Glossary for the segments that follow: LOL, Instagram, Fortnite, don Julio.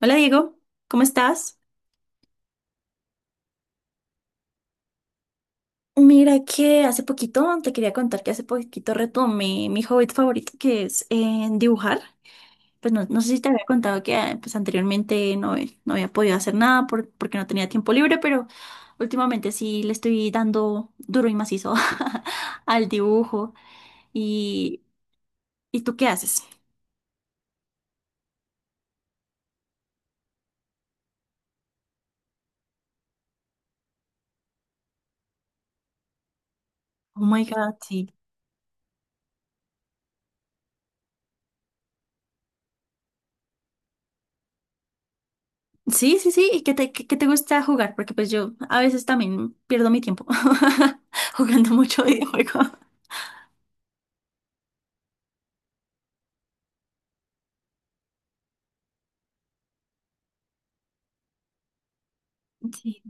Hola Diego, ¿cómo estás? Mira que hace poquito te quería contar que hace poquito retomé mi hobby favorito que es dibujar. Pues no, no sé si te había contado que pues, anteriormente no, no había podido hacer nada porque no tenía tiempo libre, pero últimamente sí le estoy dando duro y macizo al dibujo. ¿Y, ¿y tú qué haces? Oh my God, sí. Sí, sí, sí. ¿Y qué te gusta jugar? Porque pues yo a veces también pierdo mi tiempo jugando mucho videojuego. Sí.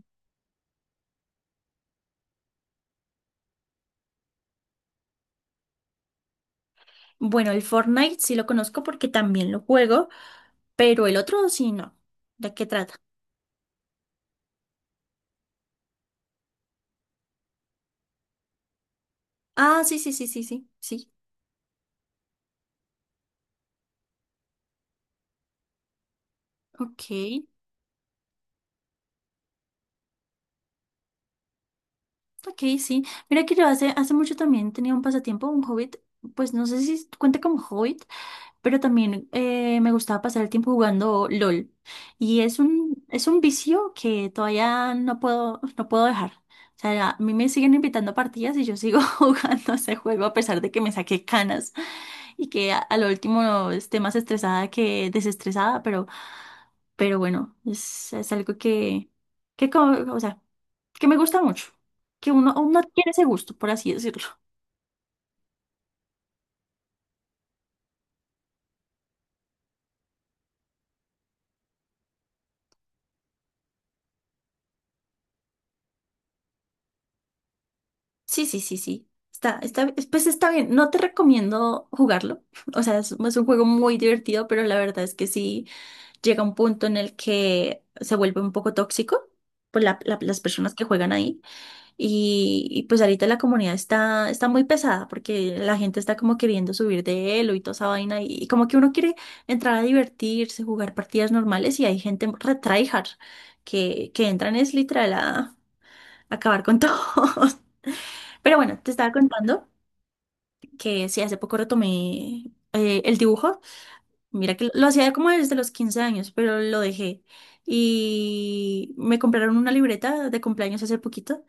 Bueno, el Fortnite sí lo conozco porque también lo juego, pero el otro sí no. ¿De qué trata? Ah, sí, sí, sí, sí, sí, sí. Ok, ok, sí. Mira que yo hace mucho también tenía un pasatiempo, un hobbit, pues no sé si cuenta como hobbit, pero también me gustaba pasar el tiempo jugando LOL. Y es un vicio que todavía no puedo, no puedo dejar. O sea, a mí me siguen invitando a partidas y yo sigo jugando ese juego a pesar de que me saqué canas y que a lo último esté más estresada que desestresada, pero bueno, es algo que, que o sea, que me gusta mucho, que uno tiene ese gusto, por así decirlo. Sí, sí, sí, sí. Está, pues está bien. No te recomiendo jugarlo. O sea, es un juego muy divertido, pero la verdad es que sí llega un punto en el que se vuelve un poco tóxico por las personas que juegan ahí. Y pues ahorita la comunidad está muy pesada porque la gente está como queriendo subir de elo y toda esa vaina. Y como que uno quiere entrar a divertirse, jugar partidas normales y hay gente re tryhard que entran es literal a acabar con todo. Pero bueno, te estaba contando que sí, hace poco retomé el dibujo. Mira que lo hacía como desde los 15 años, pero lo dejé. Y me compraron una libreta de cumpleaños hace poquito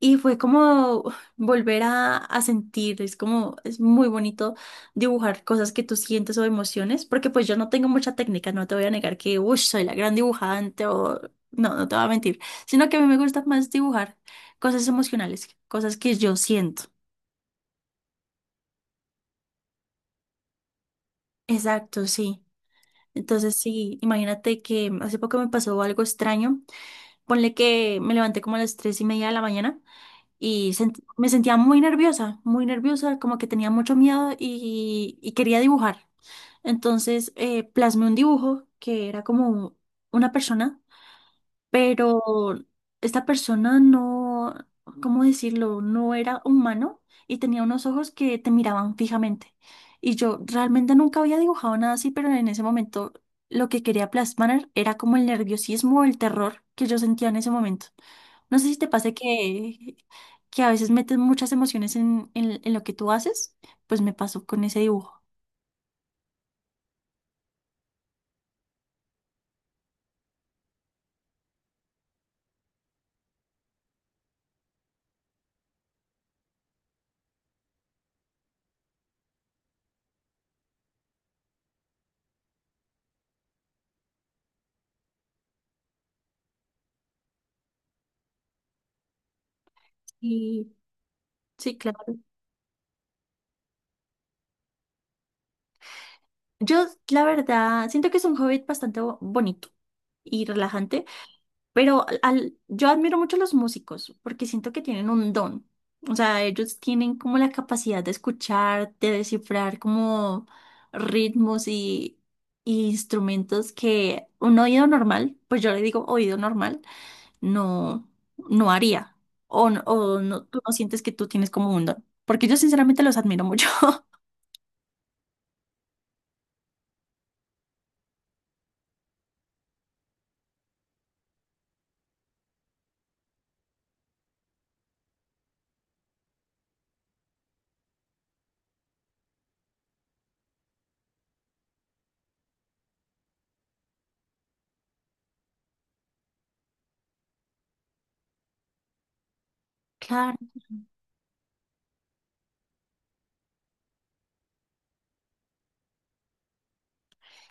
y fue como volver a sentir, es como, es muy bonito dibujar cosas que tú sientes o emociones, porque pues yo no tengo mucha técnica, no te voy a negar que, uy, soy la gran dibujante o, no, no te voy a mentir, sino que a mí me gusta más dibujar cosas emocionales, cosas que yo siento. Exacto, sí. Entonces sí, imagínate que hace poco me pasó algo extraño, ponle que me levanté como a las 3:30 de la mañana. Y me sentía muy nerviosa, como que tenía mucho miedo y quería dibujar. Entonces plasmé un dibujo que era como una persona, pero esta persona no, ¿cómo decirlo? No era humano y tenía unos ojos que te miraban fijamente. Y yo realmente nunca había dibujado nada así, pero en ese momento lo que quería plasmar era como el nerviosismo, el terror que yo sentía en ese momento. No sé si te pase que, a veces metes muchas emociones en lo que tú haces, pues me pasó con ese dibujo. Y sí, claro. Yo, la verdad, siento que es un hobby bastante bonito y relajante. Pero yo admiro mucho a los músicos porque siento que tienen un don. O sea, ellos tienen como la capacidad de escuchar, de descifrar como ritmos y instrumentos que un oído normal, pues yo le digo oído normal, no, no haría. O, o no, tú no sientes que tú tienes como un don. Porque yo sinceramente los admiro mucho. Claro.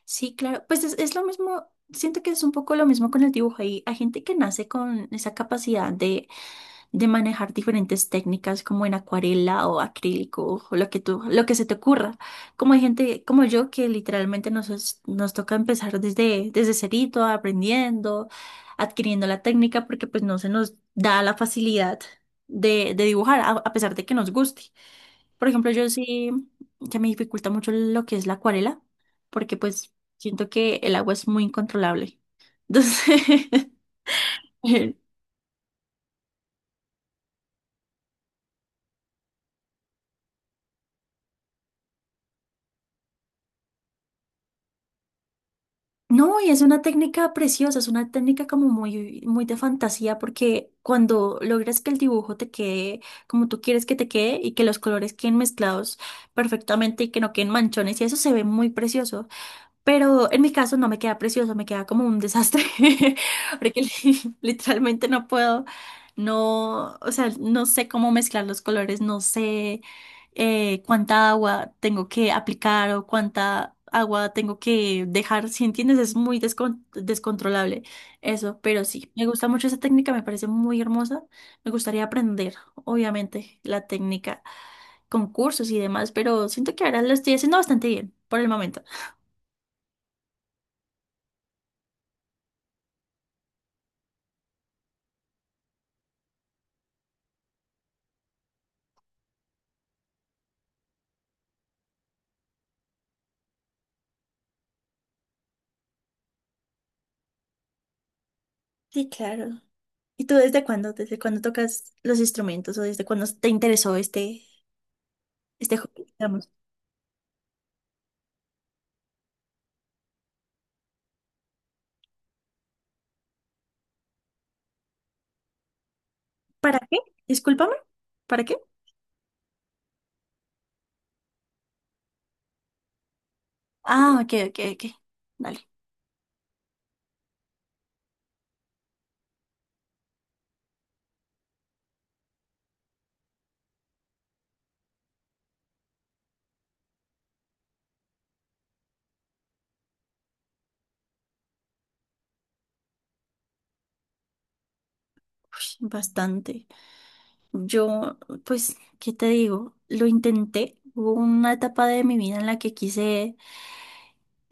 Sí, claro. Pues es lo mismo, siento que es un poco lo mismo con el dibujo. Hay gente que nace con esa capacidad de manejar diferentes técnicas como en acuarela o acrílico o lo que se te ocurra. Como hay gente como yo que literalmente nos toca empezar desde cerito, aprendiendo, adquiriendo la técnica porque pues no se nos da la facilidad de dibujar a pesar de que nos guste. Por ejemplo, yo sí que me dificulta mucho lo que es la acuarela porque pues siento que el agua es muy incontrolable. Entonces... No, y es una técnica preciosa, es una técnica como muy, muy de fantasía, porque cuando logras que el dibujo te quede como tú quieres que te quede y que los colores queden mezclados perfectamente y que no queden manchones, y eso se ve muy precioso. Pero en mi caso no me queda precioso, me queda como un desastre. Porque literalmente no puedo, no, o sea, no sé cómo mezclar los colores, no sé cuánta agua tengo que aplicar o cuánta agua tengo que dejar, si entiendes, es muy descontrolable eso, pero sí, me gusta mucho esa técnica, me parece muy hermosa, me gustaría aprender, obviamente, la técnica, concursos y demás, pero siento que ahora lo estoy haciendo bastante bien por el momento. Sí, claro. ¿Y tú desde cuándo? ¿Desde cuándo tocas los instrumentos o desde cuándo te interesó este hobby, digamos? ¿Para qué? Discúlpame. ¿Para qué? Ah, ok, ok, ok. Dale. Uy, bastante. Yo, pues, ¿qué te digo? Lo intenté. Hubo una etapa de mi vida en la que quise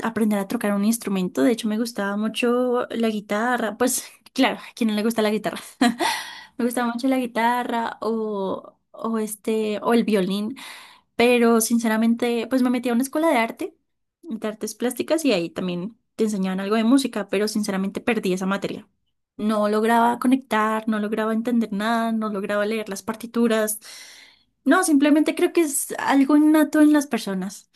aprender a tocar un instrumento. De hecho, me gustaba mucho la guitarra. Pues, claro, ¿a quién no le gusta la guitarra? Me gustaba mucho la guitarra o este, o el violín. Pero sinceramente, pues me metí a una escuela de arte, de artes plásticas, y ahí también te enseñaban algo de música, pero sinceramente perdí esa materia. No lograba conectar, no lograba entender nada, no lograba leer las partituras. No, simplemente creo que es algo innato en las personas.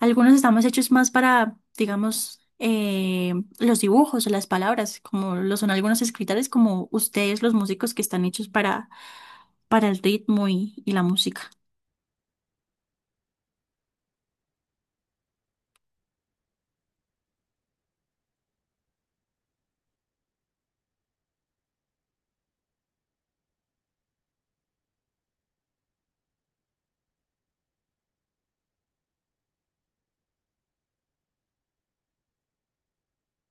Algunos estamos hechos más para, digamos, los dibujos o las palabras, como lo son algunos escritores, como ustedes, los músicos que están hechos para el ritmo y la música.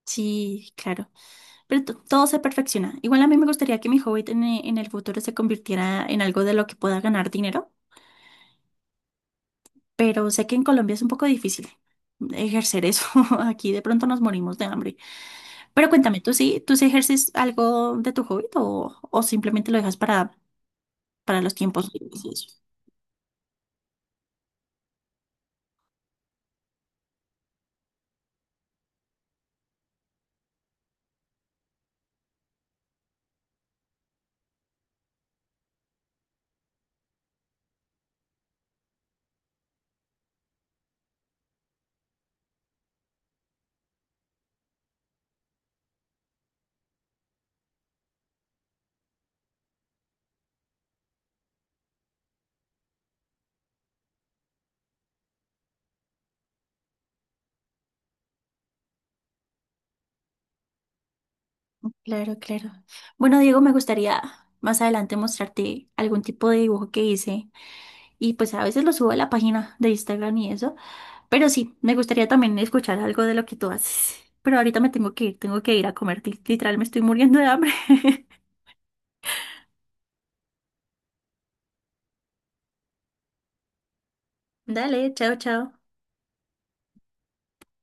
Sí, claro. Pero todo se perfecciona. Igual a mí me gustaría que mi hobby en el futuro se convirtiera en algo de lo que pueda ganar dinero, pero sé que en Colombia es un poco difícil ejercer eso. Aquí de pronto nos morimos de hambre. Pero cuéntame, ¿tú sí ejerces algo de tu hobby o simplemente lo dejas para los tiempos libres y eso? Claro, claro. Bueno, Diego, me gustaría más adelante mostrarte algún tipo de dibujo que hice y pues a veces lo subo a la página de Instagram y eso. Pero sí, me gustaría también escuchar algo de lo que tú haces. Pero ahorita me tengo que ir a comer. Literal, me estoy muriendo de hambre. Dale, chao, chao.